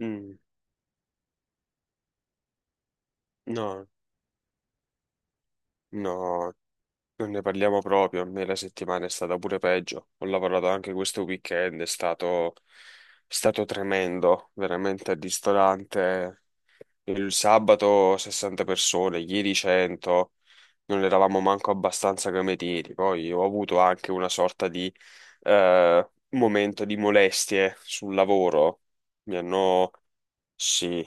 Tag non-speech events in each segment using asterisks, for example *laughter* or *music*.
Mm, no, no, non ne parliamo proprio. A me la settimana è stata pure peggio. Ho lavorato anche questo weekend, è stato tremendo, veramente al ristorante. Il sabato 60 persone, ieri 100, non eravamo manco abbastanza come tiri. Poi ho avuto anche una sorta di momento di molestie sul lavoro. Mi hanno Sì,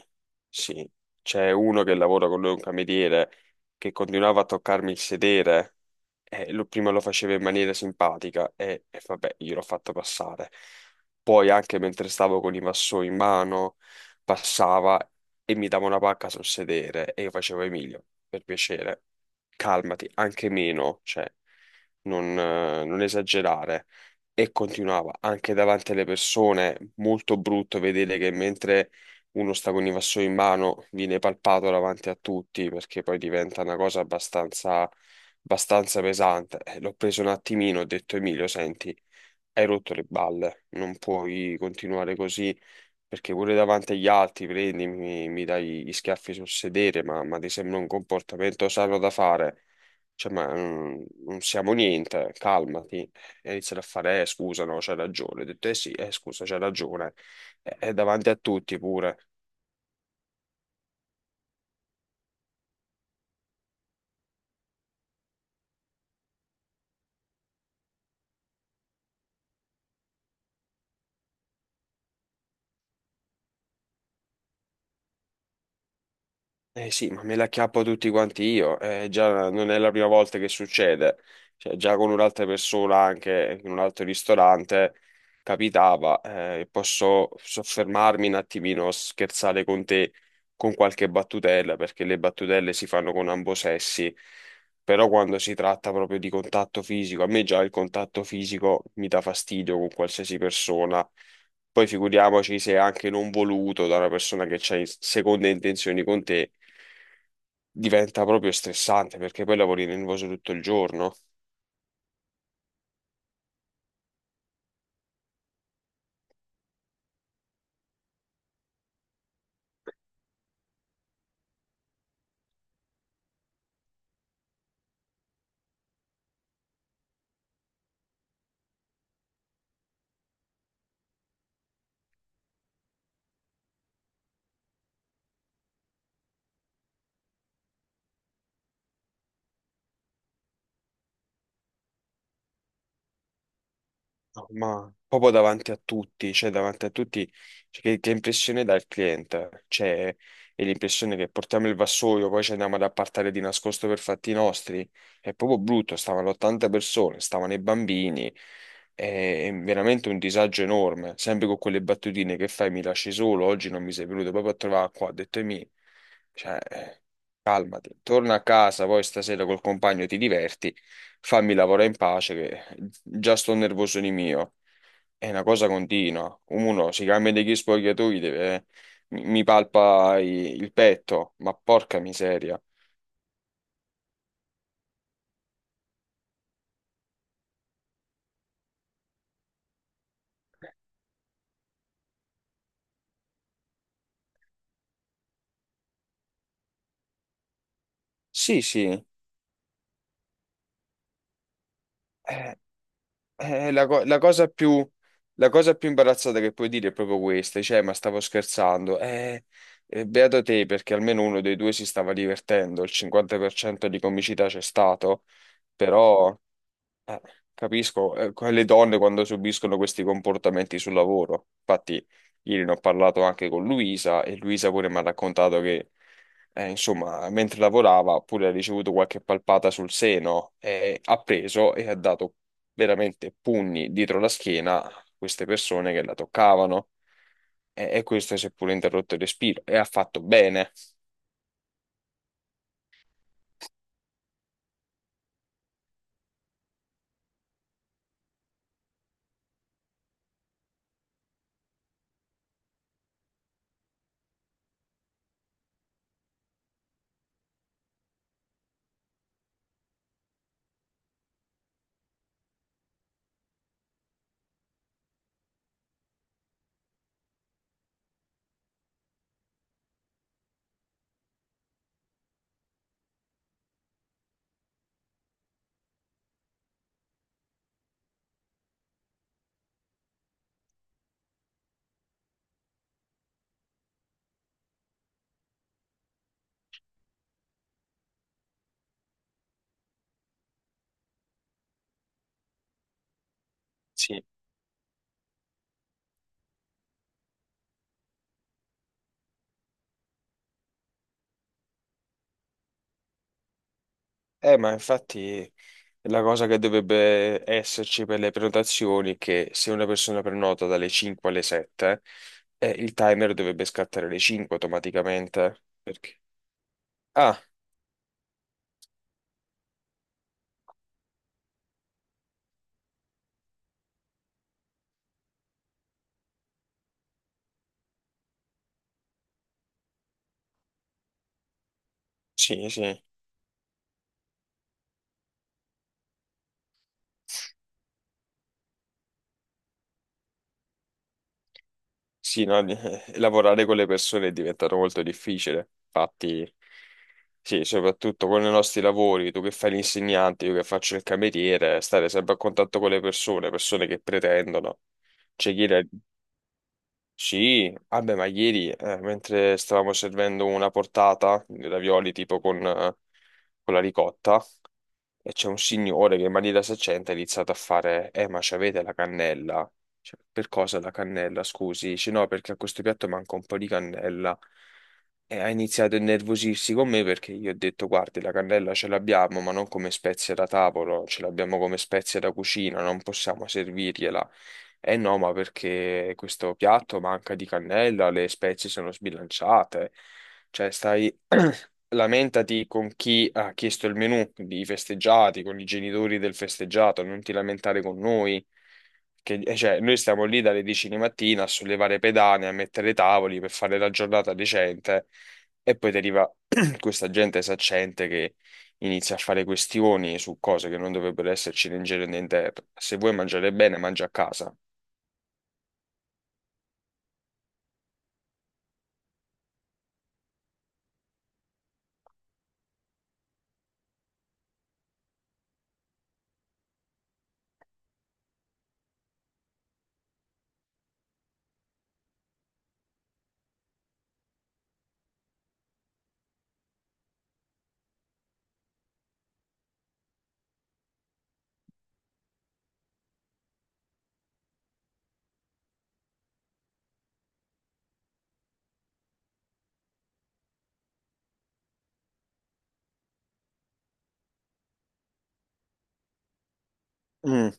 sì. C'è uno che lavora con lui, un cameriere, che continuava a toccarmi il sedere. Prima lo faceva in maniera simpatica e vabbè, io l'ho fatto passare. Poi anche mentre stavo con i vassoi in mano, passava e mi dava una pacca sul sedere e io facevo: Emilio, per piacere, calmati, anche meno, cioè, non esagerare. E continuava anche davanti alle persone, molto brutto vedere che mentre uno sta con i vassoi in mano viene palpato davanti a tutti, perché poi diventa una cosa abbastanza pesante. L'ho preso un attimino, ho detto: Emilio, senti, hai rotto le balle, non puoi continuare così, perché pure davanti agli altri mi dai gli schiaffi sul sedere, ma ti sembra un comportamento sano da fare? Cioè, ma non siamo niente, calmati. E iniziano a fare: scusa, no, c'hai ragione. Ho detto: eh sì, scusa, c'hai ragione. E davanti a tutti pure. Eh sì, ma me la chiappo tutti quanti io, già non è la prima volta che succede, cioè, già con un'altra persona anche in un altro ristorante capitava. Posso soffermarmi un attimino, scherzare con te con qualche battutella, perché le battutelle si fanno con ambosessi, però quando si tratta proprio di contatto fisico, a me già il contatto fisico mi dà fastidio con qualsiasi persona. Poi figuriamoci se è anche non voluto da una persona che ha seconde intenzioni con te, diventa proprio stressante, perché poi lavori nervoso tutto il giorno. No, ma proprio davanti a tutti, cioè davanti a tutti. Cioè, che impressione dà il cliente? Cioè, è l'impressione che portiamo il vassoio, poi ci andiamo ad appartare di nascosto per fatti nostri. È proprio brutto, stavano 80 persone, stavano i bambini, è veramente un disagio enorme, sempre con quelle battutine che fai: mi lasci solo, oggi non mi sei venuto proprio a trovare qua, ho detto e mi... Cioè, calmati, torna a casa, poi stasera col compagno ti diverti, fammi lavorare in pace, che già sto nervoso di mio. È una cosa continua. Uno si cambia degli spogliatoi, mi palpa il petto, ma porca miseria. Sì, sì, è, è la cosa più imbarazzata che puoi dire è proprio questa, cioè, ma stavo scherzando. Beato te, perché almeno uno dei due si stava divertendo, il 50% di comicità c'è stato, però... Eh, Capisco, le donne quando subiscono questi comportamenti sul lavoro. Infatti, ieri ne ho parlato anche con Luisa e Luisa pure mi ha raccontato che, insomma, mentre lavorava pure ha ricevuto qualche palpata sul seno e ha preso e ha dato veramente pugni dietro la schiena a queste persone che la toccavano. E questo si è pure interrotto il respiro e ha fatto bene. Sì. Ma infatti, la cosa che dovrebbe esserci per le prenotazioni è che se una persona prenota dalle 5 alle 7, il timer dovrebbe scattare alle 5 automaticamente. Perché? Ah, sì, sì, sì, no, *laughs* lavorare con le persone è diventato molto difficile. Infatti, sì, soprattutto con i nostri lavori, tu che fai l'insegnante, io che faccio il cameriere, stare sempre a contatto con le persone, persone che pretendono. C'è chi, re- Sì, vabbè, ma ieri, mentre stavamo servendo una portata di ravioli tipo con la ricotta, e c'è un signore che in maniera saccente ha iniziato a fare: eh, ma c'avete la cannella? Cioè, per cosa la cannella? Scusi, dice, no, perché a questo piatto manca un po' di cannella. E ha iniziato a innervosirsi con me, perché io ho detto: guardi, la cannella ce l'abbiamo, ma non come spezia da tavolo, ce l'abbiamo come spezia da cucina, non possiamo servirgliela. Eh no, ma perché questo piatto manca di cannella, le spezie sono sbilanciate. Cioè, lamentati con chi ha chiesto il menù, di festeggiati, con i genitori del festeggiato, non ti lamentare con noi. Che, cioè, noi stiamo lì dalle 10 di mattina a sollevare pedane, a mettere tavoli per fare la giornata decente, e poi ti arriva *clears throat* questa gente saccente che inizia a fare questioni su cose che non dovrebbero esserci né in giro né in terra. Se vuoi mangiare bene, mangia a casa. Mm.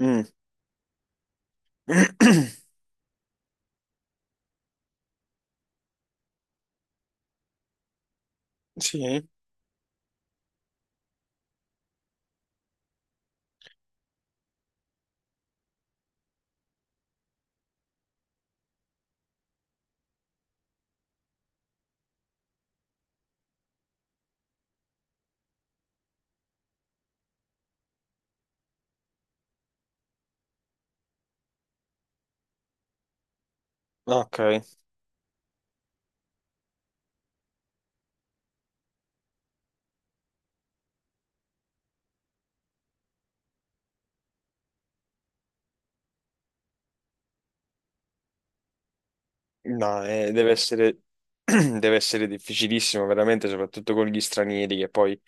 Mm. *clears throat* Sì, ok. No, *clears throat* deve essere difficilissimo, veramente, soprattutto con gli stranieri che poi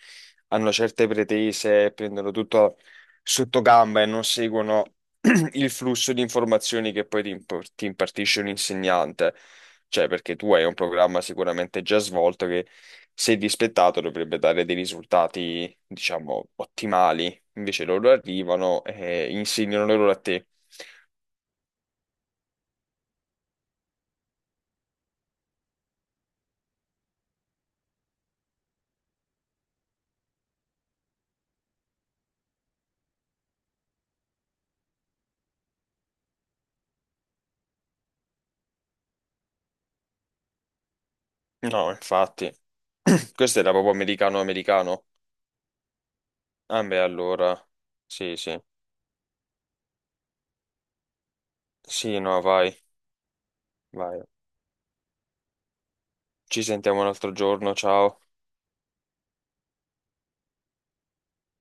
hanno certe pretese, prendono tutto sotto gamba e non seguono *clears throat* il flusso di informazioni che poi ti impartisce un insegnante. Cioè, perché tu hai un programma sicuramente già svolto che, se dispettato, dovrebbe dare dei risultati, diciamo, ottimali. Invece loro arrivano e insegnano loro a te. No, infatti. *clears throat* Questo era proprio americano-americano. Ah, beh, allora. Sì, sì. Sì, no, vai. Vai. Ci sentiamo un altro giorno, ciao.